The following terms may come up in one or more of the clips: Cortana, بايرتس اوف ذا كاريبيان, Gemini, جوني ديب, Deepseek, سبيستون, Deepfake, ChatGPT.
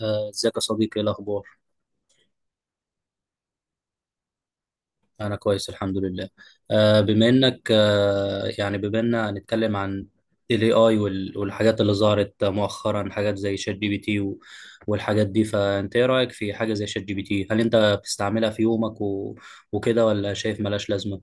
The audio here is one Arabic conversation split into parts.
ازيك يا صديقي، ايه الاخبار؟ انا كويس، الحمد لله. بما انك آه، يعني بما اننا هنتكلم عن الاي اي والحاجات اللي ظهرت مؤخرا، حاجات زي شات جي بي تي والحاجات دي، فانت ايه رايك في حاجه زي شات جي بي تي؟ هل انت بتستعملها في يومك وكده، ولا شايف ملاش لازمه؟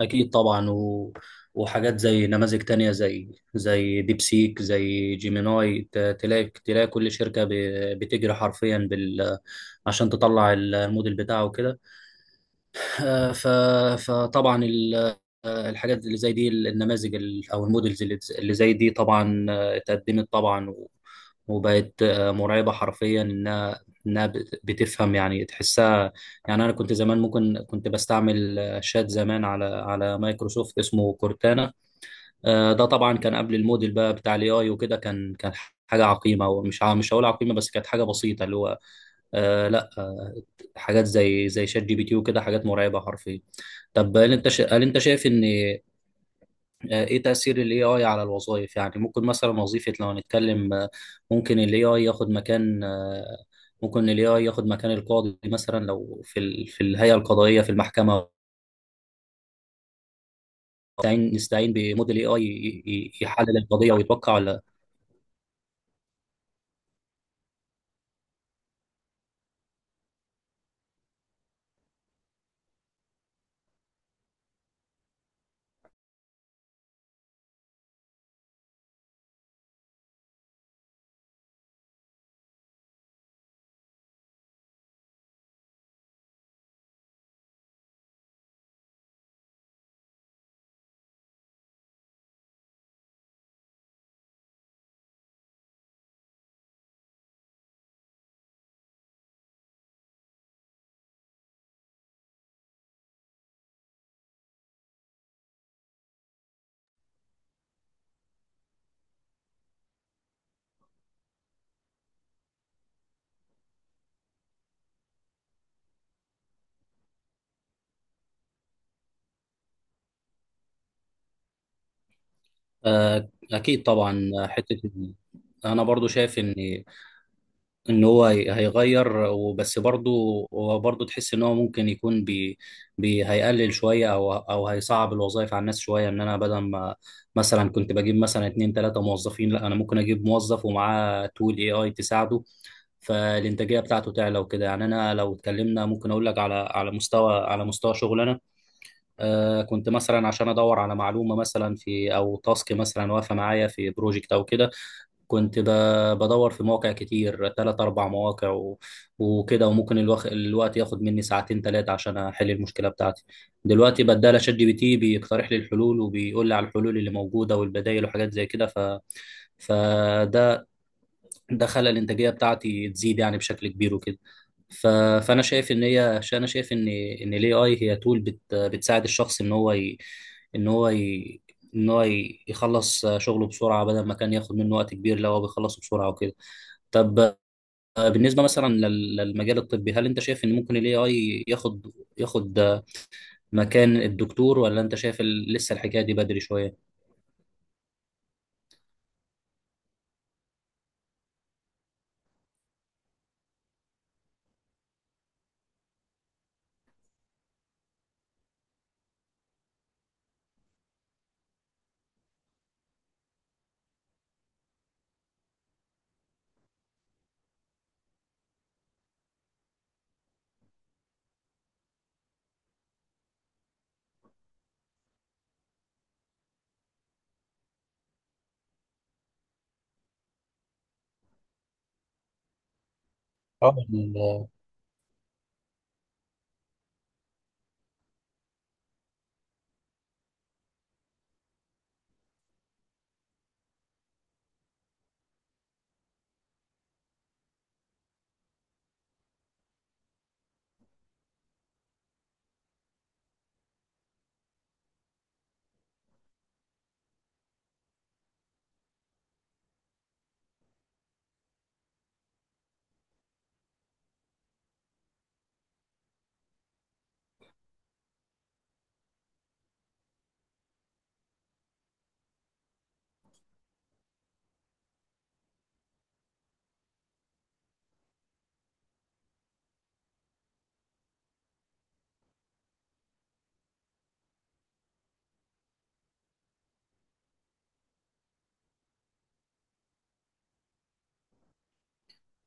اكيد طبعا. وحاجات زي نماذج تانية زي ديبسيك، زي جيميناي، تلاقي كل شركة بتجري حرفيا بال، عشان تطلع الموديل بتاعه وكده. آه، ف- فطبعا ال- الحاجات اللي زي دي، النماذج او المودلز اللي زي دي طبعا اتقدمت طبعا وبقت مرعبه حرفيا، انها بتفهم، يعني تحسها. يعني انا كنت زمان، ممكن كنت بستعمل شات زمان على مايكروسوفت اسمه كورتانا. ده طبعا كان قبل الموديل بقى بتاع الاي اي وكده، كان حاجه عقيمه، مش هقول عقيمه، بس كانت حاجه بسيطه اللي هو لا. حاجات زي شات جي بي تي وكده، حاجات مرعبه حرفيا. طب، هل انت شايف ان ايه تأثير الاي اي على الوظائف؟ يعني ممكن مثلا وظيفة، لو هنتكلم ممكن الاي اي ياخد مكان آه، ممكن الاي اي ياخد مكان القاضي مثلا، لو في في الهيئة القضائية في المحكمة. نستعين بموديل اي اي يحلل القضية ويتوقع، ولا؟ اكيد طبعا. انا برضو شايف ان هو هيغير وبس برضه. هو برضه تحس ان هو ممكن يكون بي بي هيقلل شويه او هيصعب الوظائف على الناس شويه، ان انا بدل ما مثلا كنت بجيب مثلا اتنين تلاته موظفين، لا انا ممكن اجيب موظف ومعاه تول اي اي تساعده. فالانتاجيه بتاعته تعلى وكده، يعني انا لو اتكلمنا ممكن اقول لك على مستوى شغلنا. كنت مثلا عشان ادور على معلومه مثلا، في او تاسك مثلا واقفه معايا في بروجكت او كده، كنت بدور في مواقع كتير، تلات أربع مواقع وكده، وممكن الوقت ياخد مني ساعتين تلاتة عشان أحل المشكلة بتاعتي. دلوقتي بدال شات جي بي تي بيقترح لي الحلول، وبيقول لي على الحلول اللي موجودة والبدائل وحاجات زي كده. فده ده خلى الانتاجيه بتاعتي تزيد يعني بشكل كبير وكده. ف... فانا شايف ان هي ش- انا شايف ان الاي اي هي تول بتساعد الشخص ان هو ي... يخلص شغله بسرعه، بدل ما كان ياخد منه وقت كبير، لو هو بيخلصه بسرعه وكده. طب، بالنسبه مثلا للمجال الطبي، هل انت شايف ان ممكن الاي اي ياخد مكان الدكتور؟ ولا انت شايف لسه الحكايه دي بدري شويه؟ اه،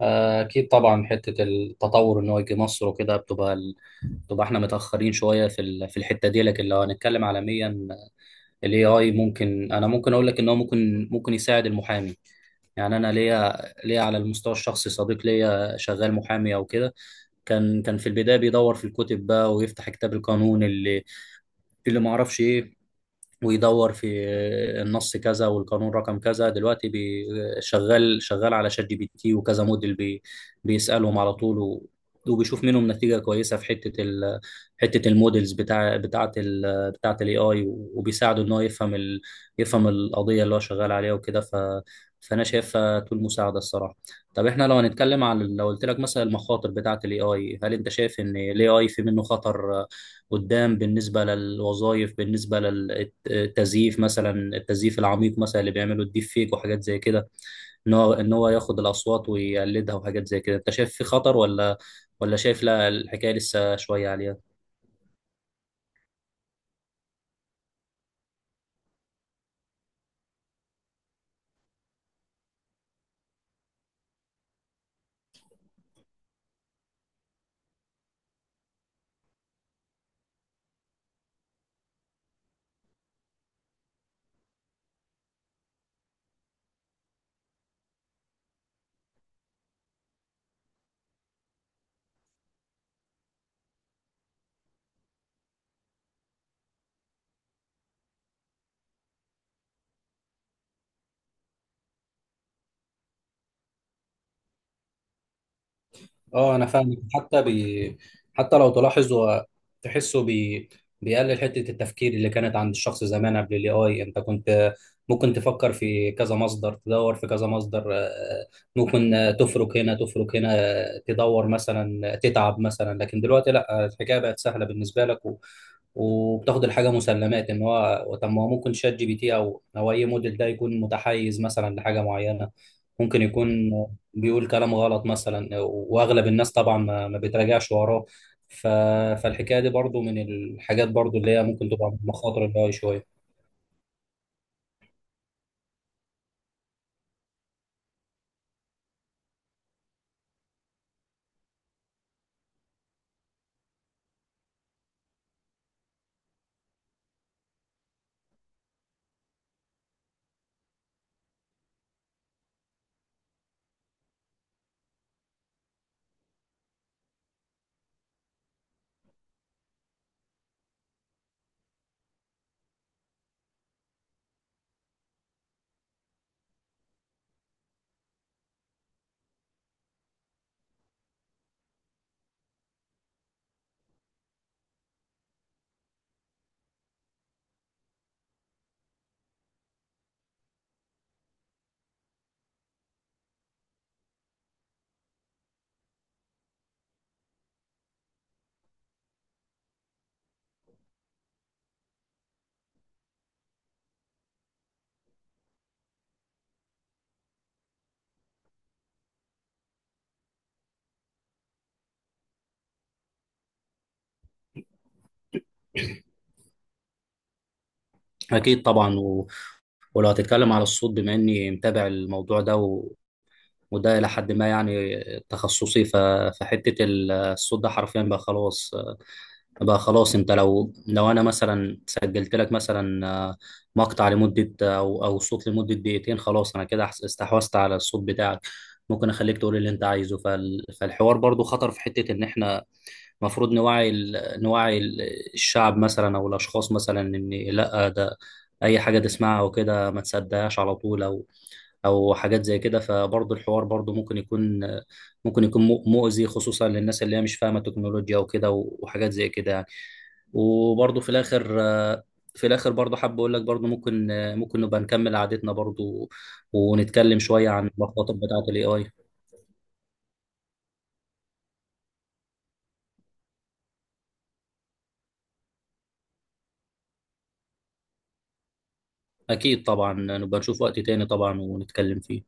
أكيد طبعا. حتة التطور إن هو يجي مصر وكده، بتبقى إحنا متأخرين شوية في في الحتة دي، لكن لو هنتكلم عالميا، ال AI ممكن أقول لك إن هو ممكن يساعد المحامي. يعني أنا ليا، على المستوى الشخصي صديق ليا شغال محامي أو كده. كان في البداية بيدور في الكتب بقى، ويفتح كتاب القانون اللي ما أعرفش إيه، ويدور في النص كذا والقانون رقم كذا. دلوقتي شغال على شات جي بي تي وكذا موديل بيسألهم على طول، وبيشوف منهم نتيجة كويسة في حتة الموديلز بتاعة الاي اي، وبيساعده ان هو يفهم القضية اللي هو شغال عليها وكده. فانا شايفها طول مساعدة الصراحة. طب، احنا لو هنتكلم عن، لو قلت لك مثلا، المخاطر بتاعة الاي اي، هل انت شايف ان الاي اي في منه خطر قدام؟ بالنسبه للوظائف، بالنسبه للتزييف مثلا، التزييف العميق مثلا اللي بيعمله الديب فيك وحاجات زي كده، ان هو ياخد الاصوات ويقلدها وحاجات زي كده، انت شايف في خطر، ولا شايف لا الحكايه لسه شويه عليها؟ اه، انا فاهمك. حتى لو تلاحظ هو تحسه بي... بيقلل حته التفكير اللي كانت عند الشخص زمان قبل الاي اي. انت كنت ممكن تفكر في كذا مصدر، تدور في كذا مصدر، ممكن تفرك هنا، تفرك هنا، تدور مثلا، تتعب مثلا. لكن دلوقتي لا، الحكايه بقت سهله بالنسبه لك، وبتاخد الحاجه مسلمات ان هو، طب ما هو ممكن شات جي بي تي او اي موديل ده يكون متحيز مثلا لحاجه معينه، ممكن يكون بيقول كلام غلط مثلا، واغلب الناس طبعا ما بتراجعش وراه. ف... فالحكايه دي برضو من الحاجات برضو اللي هي ممكن تبقى مخاطر ال AI شويه. اكيد طبعا. ولو هتتكلم على الصوت، بما اني متابع الموضوع ده وده الى حد ما يعني تخصصي. فحته الصوت ده حرفيا بقى خلاص. بقى خلاص، انت لو انا مثلا سجلت لك مثلا مقطع لمده او صوت لمده دقيقتين، خلاص انا كده استحوذت على الصوت بتاعك. ممكن اخليك تقول اللي انت عايزه. فالحوار برضو خطر، في حته ان احنا المفروض نوعي الشعب مثلا او الاشخاص مثلا، ان لا ده اي حاجه تسمعها وكده ما تصدقهاش على طول، او حاجات زي كده. فبرضو الحوار برضو ممكن يكون مؤذي، خصوصا للناس اللي هي مش فاهمه تكنولوجيا وكده وحاجات زي كده يعني. وبرضه في الاخر، برضه حابب اقول لك برضه ممكن نبقى نكمل قعدتنا برضه، ونتكلم شويه عن المخاطر بتاعه الاي اي. اكيد طبعا، نبقى نشوف وقت تاني طبعا، ونتكلم فيه.